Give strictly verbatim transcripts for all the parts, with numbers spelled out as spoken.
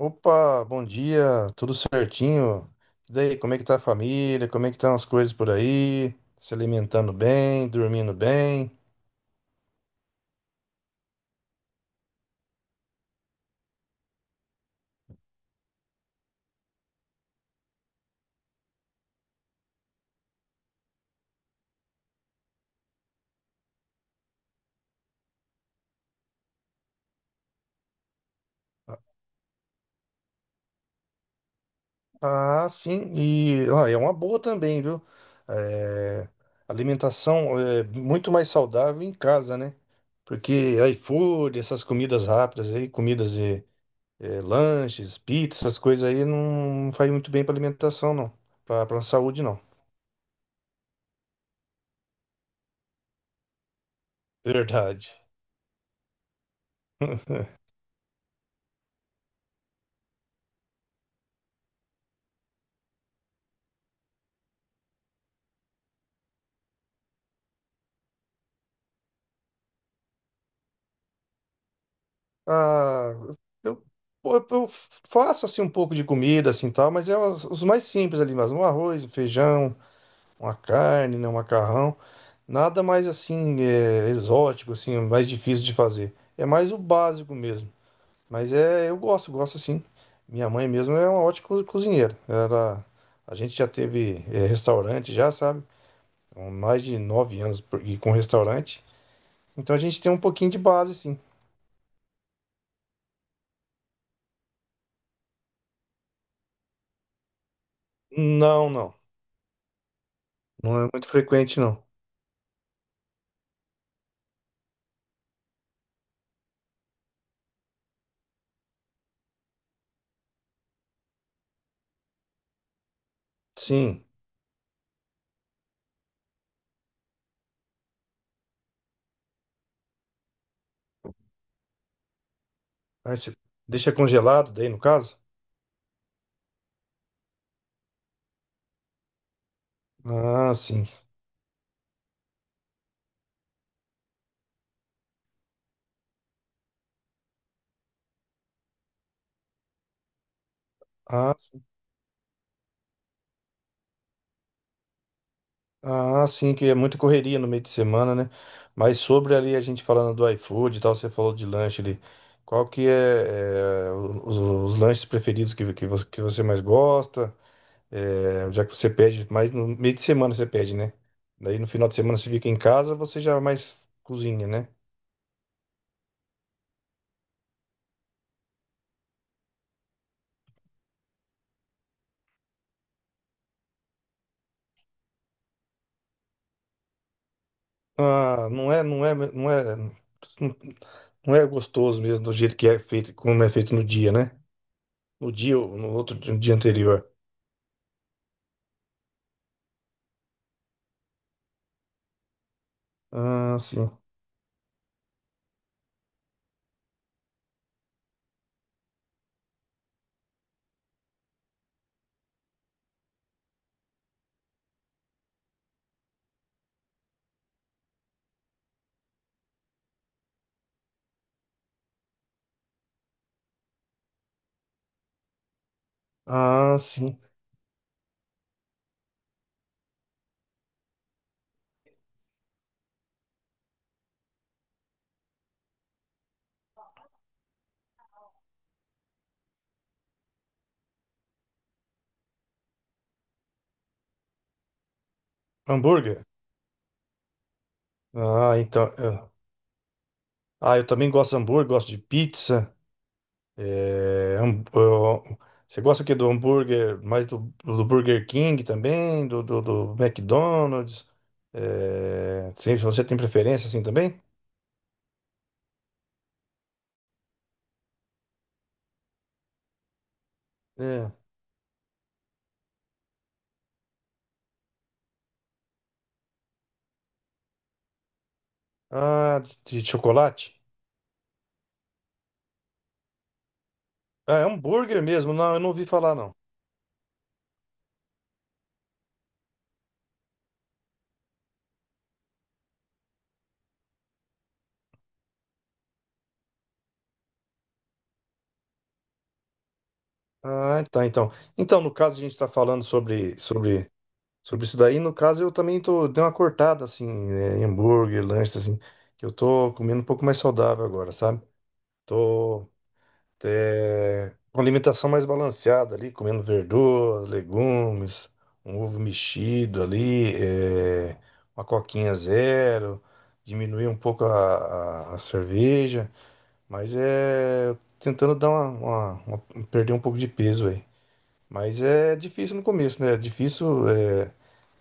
Opa, bom dia, tudo certinho? E daí, como é que tá a família? Como é que estão as coisas por aí? Se alimentando bem, dormindo bem? Ah, sim, e ó, é uma boa também, viu? É, alimentação é muito mais saudável em casa, né? Porque iFood, essas comidas rápidas aí, comidas de é, lanches, pizza, essas coisas aí não faz muito bem pra alimentação, não. Pra, pra saúde, não. Verdade. Ah, eu, pô, eu- eu faço assim um pouco de comida assim tal, mas é os, os mais simples ali, mas um arroz, um feijão, uma carne, né, um macarrão, nada mais assim é, exótico assim, mais difícil de fazer. É mais o básico mesmo. Mas é, eu gosto, gosto sim. Minha mãe mesmo é uma ótima co- cozinheira. Ela, a gente já teve é, restaurante já, sabe? Há mais de nove anos por- e com restaurante. Então a gente tem um pouquinho de base, sim. Não, não. Não é muito frequente, não. Sim. Aí você deixa congelado daí, no caso? Ah, sim. Ah, sim. Ah, sim, que é muita correria no meio de semana, né? Mas sobre ali a gente falando do iFood e tal, você falou de lanche ali. Qual que é, é, os, os lanches preferidos que, que, você, que você mais gosta? É, já que você pede, mais no meio de semana você pede, né? Daí no final de semana você fica em casa, você já é mais cozinha, né? Ah, não é, não é, não é, não é gostoso mesmo do jeito que é feito, como é feito no dia, né? No dia, ou no outro dia no dia anterior. Ah, sim. Ah, sim. Hambúrguer? Ah, então, é. Ah, eu também gosto de hambúrguer, gosto de pizza. É, ham- ó, você gosta o quê do hambúrguer? Mais do, do Burger King também, do, do, do McDonald's? É, sim, você tem preferência assim também? É. Ah, de de chocolate? Ah, é hambúrguer mesmo? Não, eu não ouvi falar, não. Ah, tá, então. Então, no caso, a gente está falando sobre, sobre, sobre isso daí. No caso, eu também tô, dei uma cortada, assim, é, em hambúrguer, lanches, assim, que eu tô comendo um pouco mais saudável agora, sabe? Tô, é, com alimentação mais balanceada ali, comendo verduras, legumes, um ovo mexido ali, é, uma coquinha zero, diminuir um pouco a, a a cerveja. Mas é. Tentando dar uma, uma- uma- perder um pouco de peso aí. Mas é difícil no começo, né? É difícil é,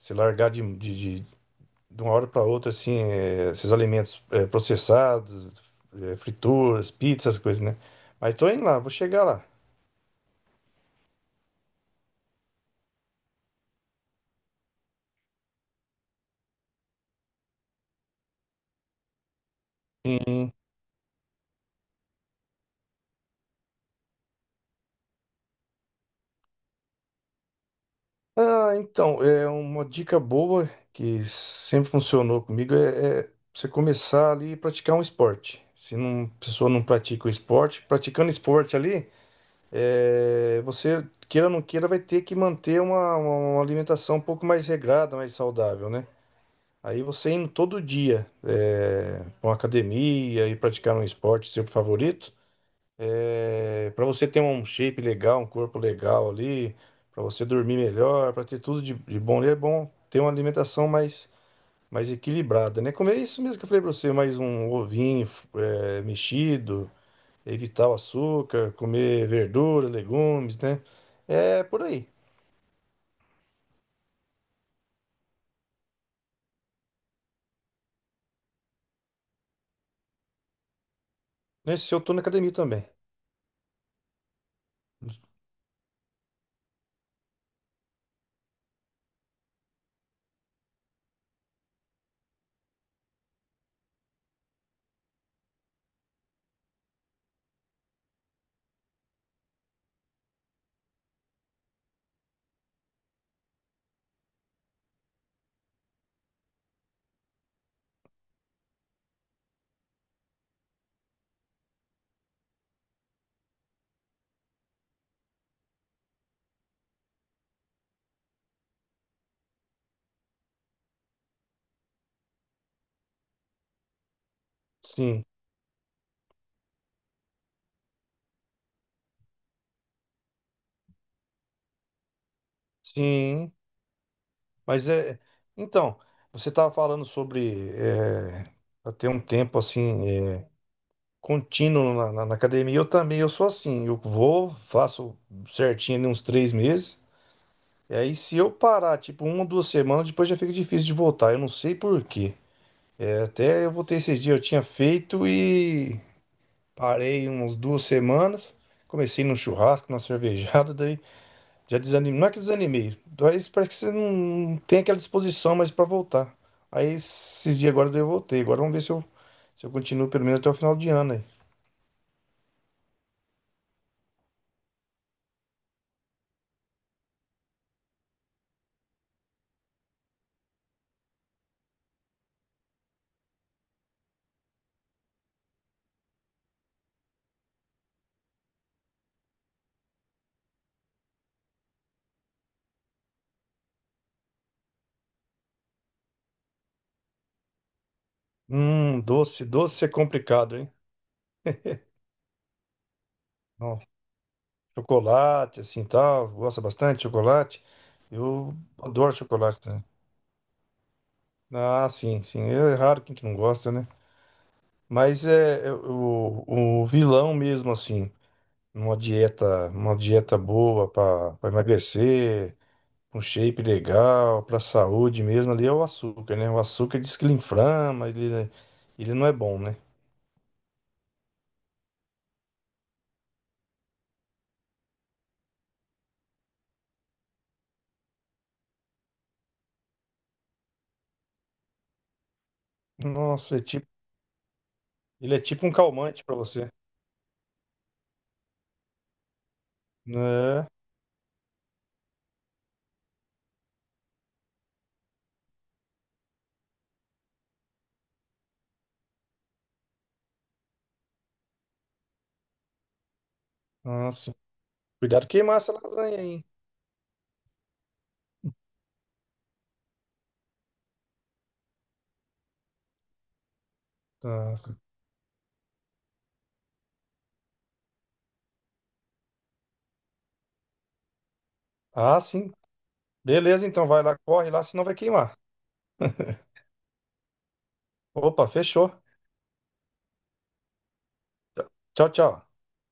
se largar de, de, de, de uma hora para outra, assim, é, esses alimentos é, processados, é, frituras, pizzas, essas coisas, né? Mas tô indo lá, vou chegar lá. Sim. Ah, então, é uma dica boa que sempre funcionou comigo é, é você começar ali e praticar um esporte. Se não, a pessoa não pratica o esporte, praticando esporte ali. É, você, queira ou não queira, vai ter que manter uma, uma- uma alimentação um pouco mais regrada, mais saudável, né? Aí você indo todo dia é, para uma academia e praticar um esporte seu favorito, para você ter um shape legal, um corpo legal ali, para você dormir melhor, para ter tudo de, de bom, é bom ter uma alimentação mais, mais equilibrada, né? Comer isso mesmo que eu falei para você, mais um ovinho é, mexido evitar o açúcar, comer verdura, legumes, né? É por aí. Nesse eu tô na academia também. Sim, sim. Mas é. Então, você estava falando sobre é, pra ter um tempo assim é, contínuo na, na- na academia. Eu também, eu sou assim. Eu vou, faço certinho ali uns três meses. E aí, se eu parar, tipo, uma ou duas semanas, depois já fica difícil de voltar. Eu não sei por quê. É, Até eu voltei esses dias, eu tinha feito e parei umas duas semanas, comecei num churrasco, numa cervejada, daí já desanimei. Não é que desanimei, mas parece que você não tem aquela disposição mais pra voltar. Aí esses dias agora daí eu voltei. Agora vamos ver se eu, se eu, continuo pelo menos até o final de ano aí. Hum, doce, doce é complicado, hein? Não, chocolate, assim tal, gosta bastante de chocolate. Eu adoro chocolate, né? Ah, sim, sim. É raro quem que não gosta, né? Mas é, é o, o vilão mesmo, assim. Numa dieta, uma dieta boa para emagrecer, um shape legal, para saúde mesmo, ali é o açúcar, né? O açúcar diz que ele inflama, ele, ele não é bom, né? Nossa, é tipo, ele é tipo um calmante para você, né? Nossa, cuidado queimar essa lasanha aí, hein? Nossa. Ah, sim. Beleza, então vai lá, corre lá, senão vai queimar. Opa, fechou. Tchau, tchau.